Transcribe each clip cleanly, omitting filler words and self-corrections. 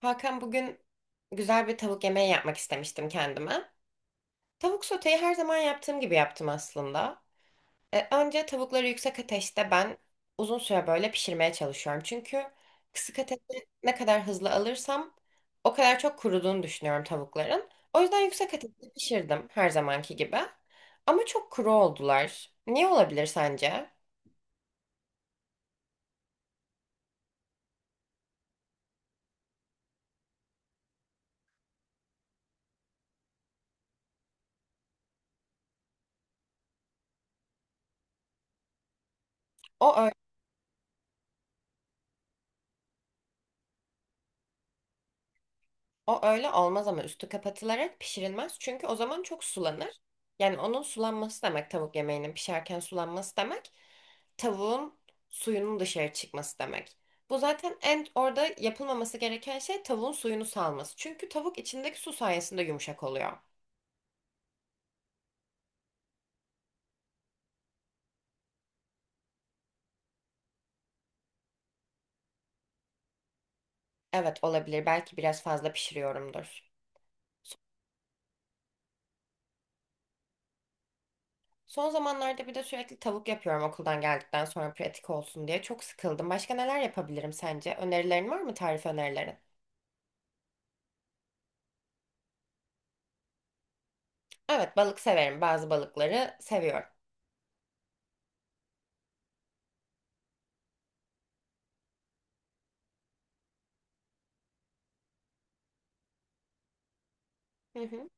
Hakan bugün güzel bir tavuk yemeği yapmak istemiştim kendime. Tavuk soteyi her zaman yaptığım gibi yaptım aslında. Önce tavukları yüksek ateşte ben uzun süre böyle pişirmeye çalışıyorum. Çünkü kısık ateşte ne kadar hızlı alırsam o kadar çok kuruduğunu düşünüyorum tavukların. O yüzden yüksek ateşte pişirdim her zamanki gibi. Ama çok kuru oldular. Niye olabilir sence? O O öyle olmaz ama üstü kapatılarak pişirilmez. Çünkü o zaman çok sulanır. Yani onun sulanması demek tavuk yemeğinin pişerken sulanması demek. Tavuğun suyunun dışarı çıkması demek. Bu zaten en orada yapılmaması gereken şey tavuğun suyunu salması. Çünkü tavuk içindeki su sayesinde yumuşak oluyor. Evet olabilir. Belki biraz fazla pişiriyorumdur. Son zamanlarda bir de sürekli tavuk yapıyorum okuldan geldikten sonra pratik olsun diye. Çok sıkıldım. Başka neler yapabilirim sence? Önerilerin var mı, tarif önerilerin? Evet, balık severim. Bazı balıkları seviyorum. Hı hı.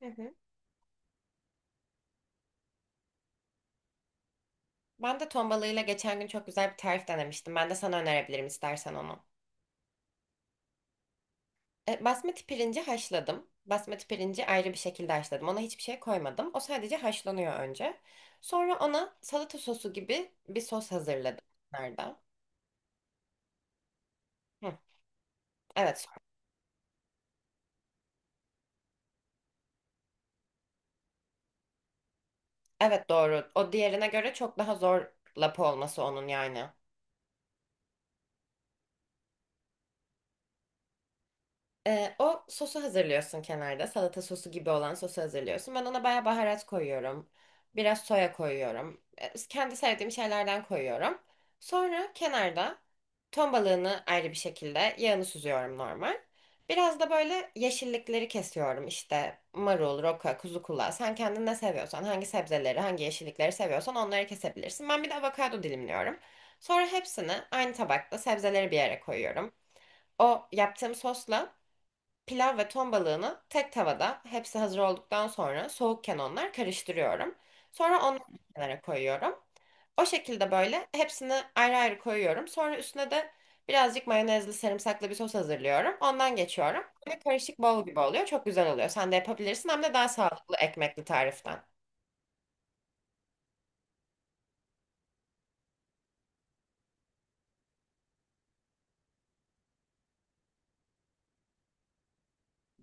Hı hı. Ben de ton balığıyla geçen gün çok güzel bir tarif denemiştim. Ben de sana önerebilirim istersen onu. Basmati pirinci haşladım. Basmati pirinci ayrı bir şekilde haşladım. Ona hiçbir şey koymadım. O sadece haşlanıyor önce. Sonra ona salata sosu gibi bir sos hazırladım. Nerede? Hı, evet. Evet, doğru. O diğerine göre çok daha zor lapa olması onun yani. O sosu hazırlıyorsun kenarda. Salata sosu gibi olan sosu hazırlıyorsun. Ben ona bayağı baharat koyuyorum. Biraz soya koyuyorum. Kendi sevdiğim şeylerden koyuyorum. Sonra kenarda ton balığını ayrı bir şekilde yağını süzüyorum normal. Biraz da böyle yeşillikleri kesiyorum. İşte marul, roka, kuzu kulağı. Sen kendin ne seviyorsan, hangi sebzeleri, hangi yeşillikleri seviyorsan onları kesebilirsin. Ben bir de avokado dilimliyorum. Sonra hepsini aynı tabakta sebzeleri bir yere koyuyorum. O yaptığım sosla pilav ve ton balığını tek tavada hepsi hazır olduktan sonra soğukken onlar karıştırıyorum. Sonra onları kenara koyuyorum. O şekilde böyle hepsini ayrı ayrı koyuyorum. Sonra üstüne de birazcık mayonezli sarımsaklı bir sos hazırlıyorum. Ondan geçiyorum. Böyle karışık bol gibi oluyor. Çok güzel oluyor. Sen de yapabilirsin, hem de daha sağlıklı ekmekli tariften.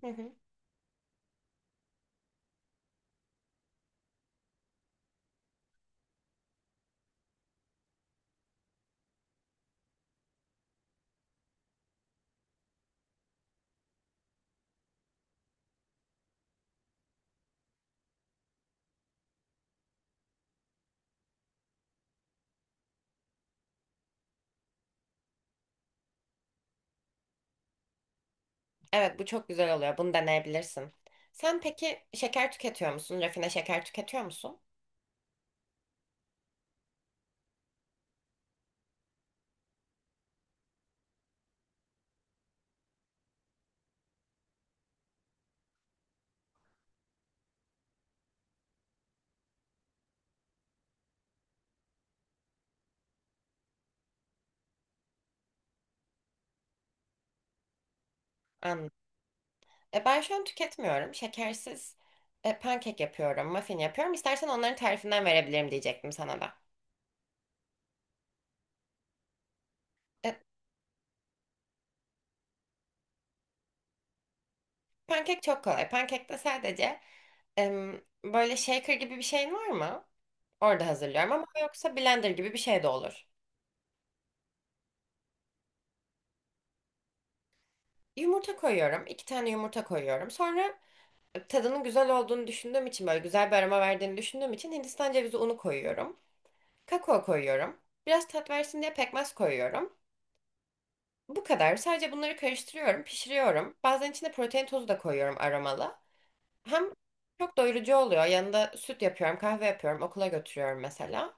Hı hı. Evet, bu çok güzel oluyor. Bunu deneyebilirsin. Sen peki şeker tüketiyor musun? Rafine şeker tüketiyor musun? Anladım. Ben şu an tüketmiyorum. Şekersiz pankek yapıyorum, muffin yapıyorum. İstersen onların tarifinden verebilirim diyecektim sana da. E, Pankek çok kolay. Pankekte sadece böyle shaker gibi bir şeyin var mı? Orada hazırlıyorum ama yoksa blender gibi bir şey de olur. Yumurta koyuyorum. İki tane yumurta koyuyorum. Sonra tadının güzel olduğunu düşündüğüm için, böyle güzel bir aroma verdiğini düşündüğüm için Hindistan cevizi unu koyuyorum. Kakao koyuyorum. Biraz tat versin diye pekmez koyuyorum. Bu kadar. Sadece bunları karıştırıyorum, pişiriyorum. Bazen içine protein tozu da koyuyorum, aromalı. Hem çok doyurucu oluyor. Yanında süt yapıyorum, kahve yapıyorum, okula götürüyorum mesela.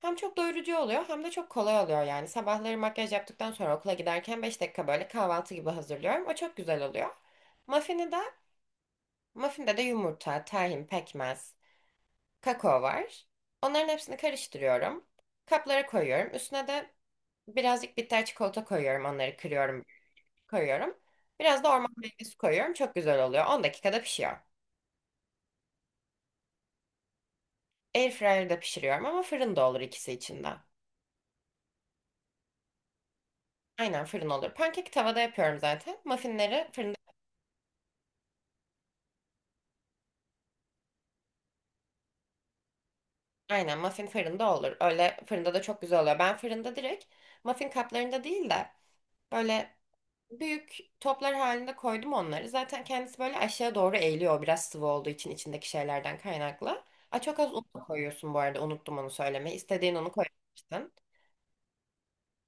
Hem çok doyurucu oluyor hem de çok kolay oluyor yani. Sabahları makyaj yaptıktan sonra okula giderken 5 dakika böyle kahvaltı gibi hazırlıyorum. O çok güzel oluyor. Muffin'i de, Muffinde de yumurta, tahin, pekmez, kakao var. Onların hepsini karıştırıyorum. Kaplara koyuyorum. Üstüne de birazcık bitter çikolata koyuyorum. Onları kırıyorum, koyuyorum. Biraz da orman meyvesi koyuyorum. Çok güzel oluyor. 10 dakikada pişiyor. Airfryer'da pişiriyorum ama fırında olur ikisi için de. Aynen, fırın olur. Pankek tavada yapıyorum zaten. Muffinleri fırında. Aynen, muffin fırında olur. Öyle fırında da çok güzel oluyor. Ben fırında direkt muffin kaplarında değil de böyle büyük toplar halinde koydum onları. Zaten kendisi böyle aşağı doğru eğiliyor, biraz sıvı olduğu için içindeki şeylerden kaynaklı. Aa, çok az un da koyuyorsun bu arada, unuttum onu söylemeyi. İstediğin unu koyabilirsin.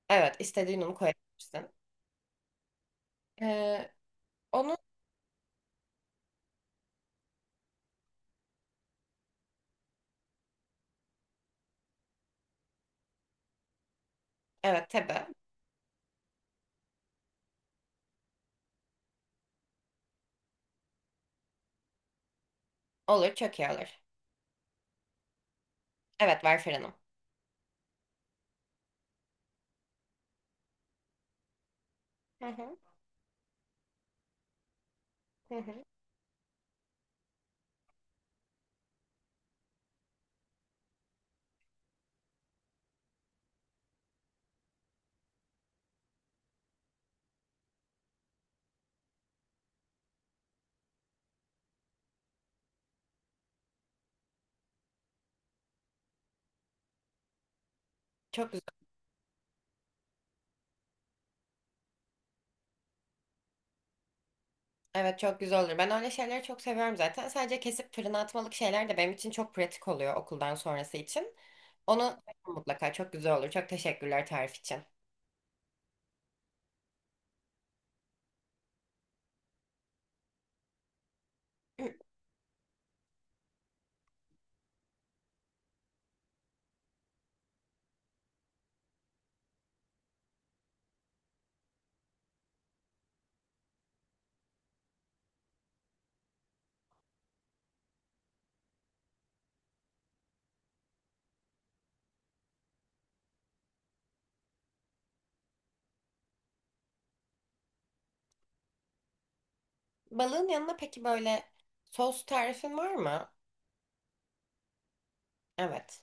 Evet, istediğin unu koyabilirsin. Ee, Onu, evet tabii, olur çok iyi olur. Evet, var fırınım. Hı hı, hı hı. Çok güzel. Evet, çok güzel olur. Ben öyle şeyleri çok seviyorum zaten. Sadece kesip fırına atmalık şeyler de benim için çok pratik oluyor okuldan sonrası için. Onu mutlaka çok güzel olur. Çok teşekkürler tarif için. Balığın yanına peki böyle sos tarifin var mı? Evet.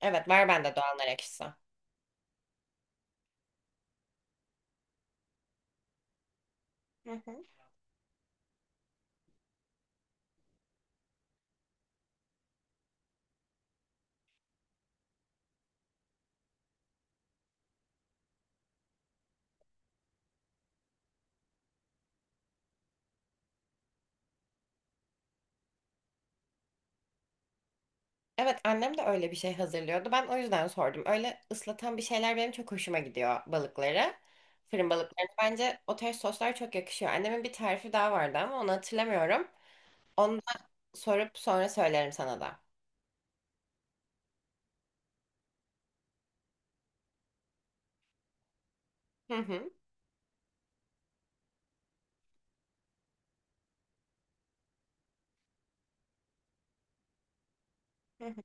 Evet, var bende doğanlar ekşisi. Hı hı. Evet, annem de öyle bir şey hazırlıyordu. Ben o yüzden sordum. Öyle ıslatan bir şeyler benim çok hoşuma gidiyor balıkları. Fırın balıkları. Bence o tarz soslar çok yakışıyor. Annemin bir tarifi daha vardı ama onu hatırlamıyorum. Onu da sorup sonra söylerim sana da. Hı hı. Hı hı.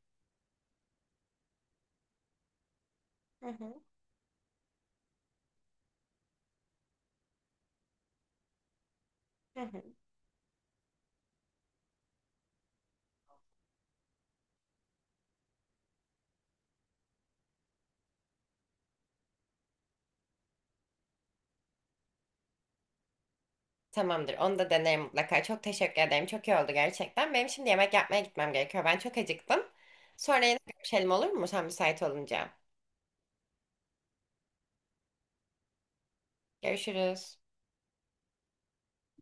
Hı hı. Hı hı. Tamamdır. Onu da denerim mutlaka. Çok teşekkür ederim. Çok iyi oldu gerçekten. Benim şimdi yemek yapmaya gitmem gerekiyor. Ben çok acıktım. Sonra yine görüşelim, olur mu? Sen müsait olunca. Görüşürüz.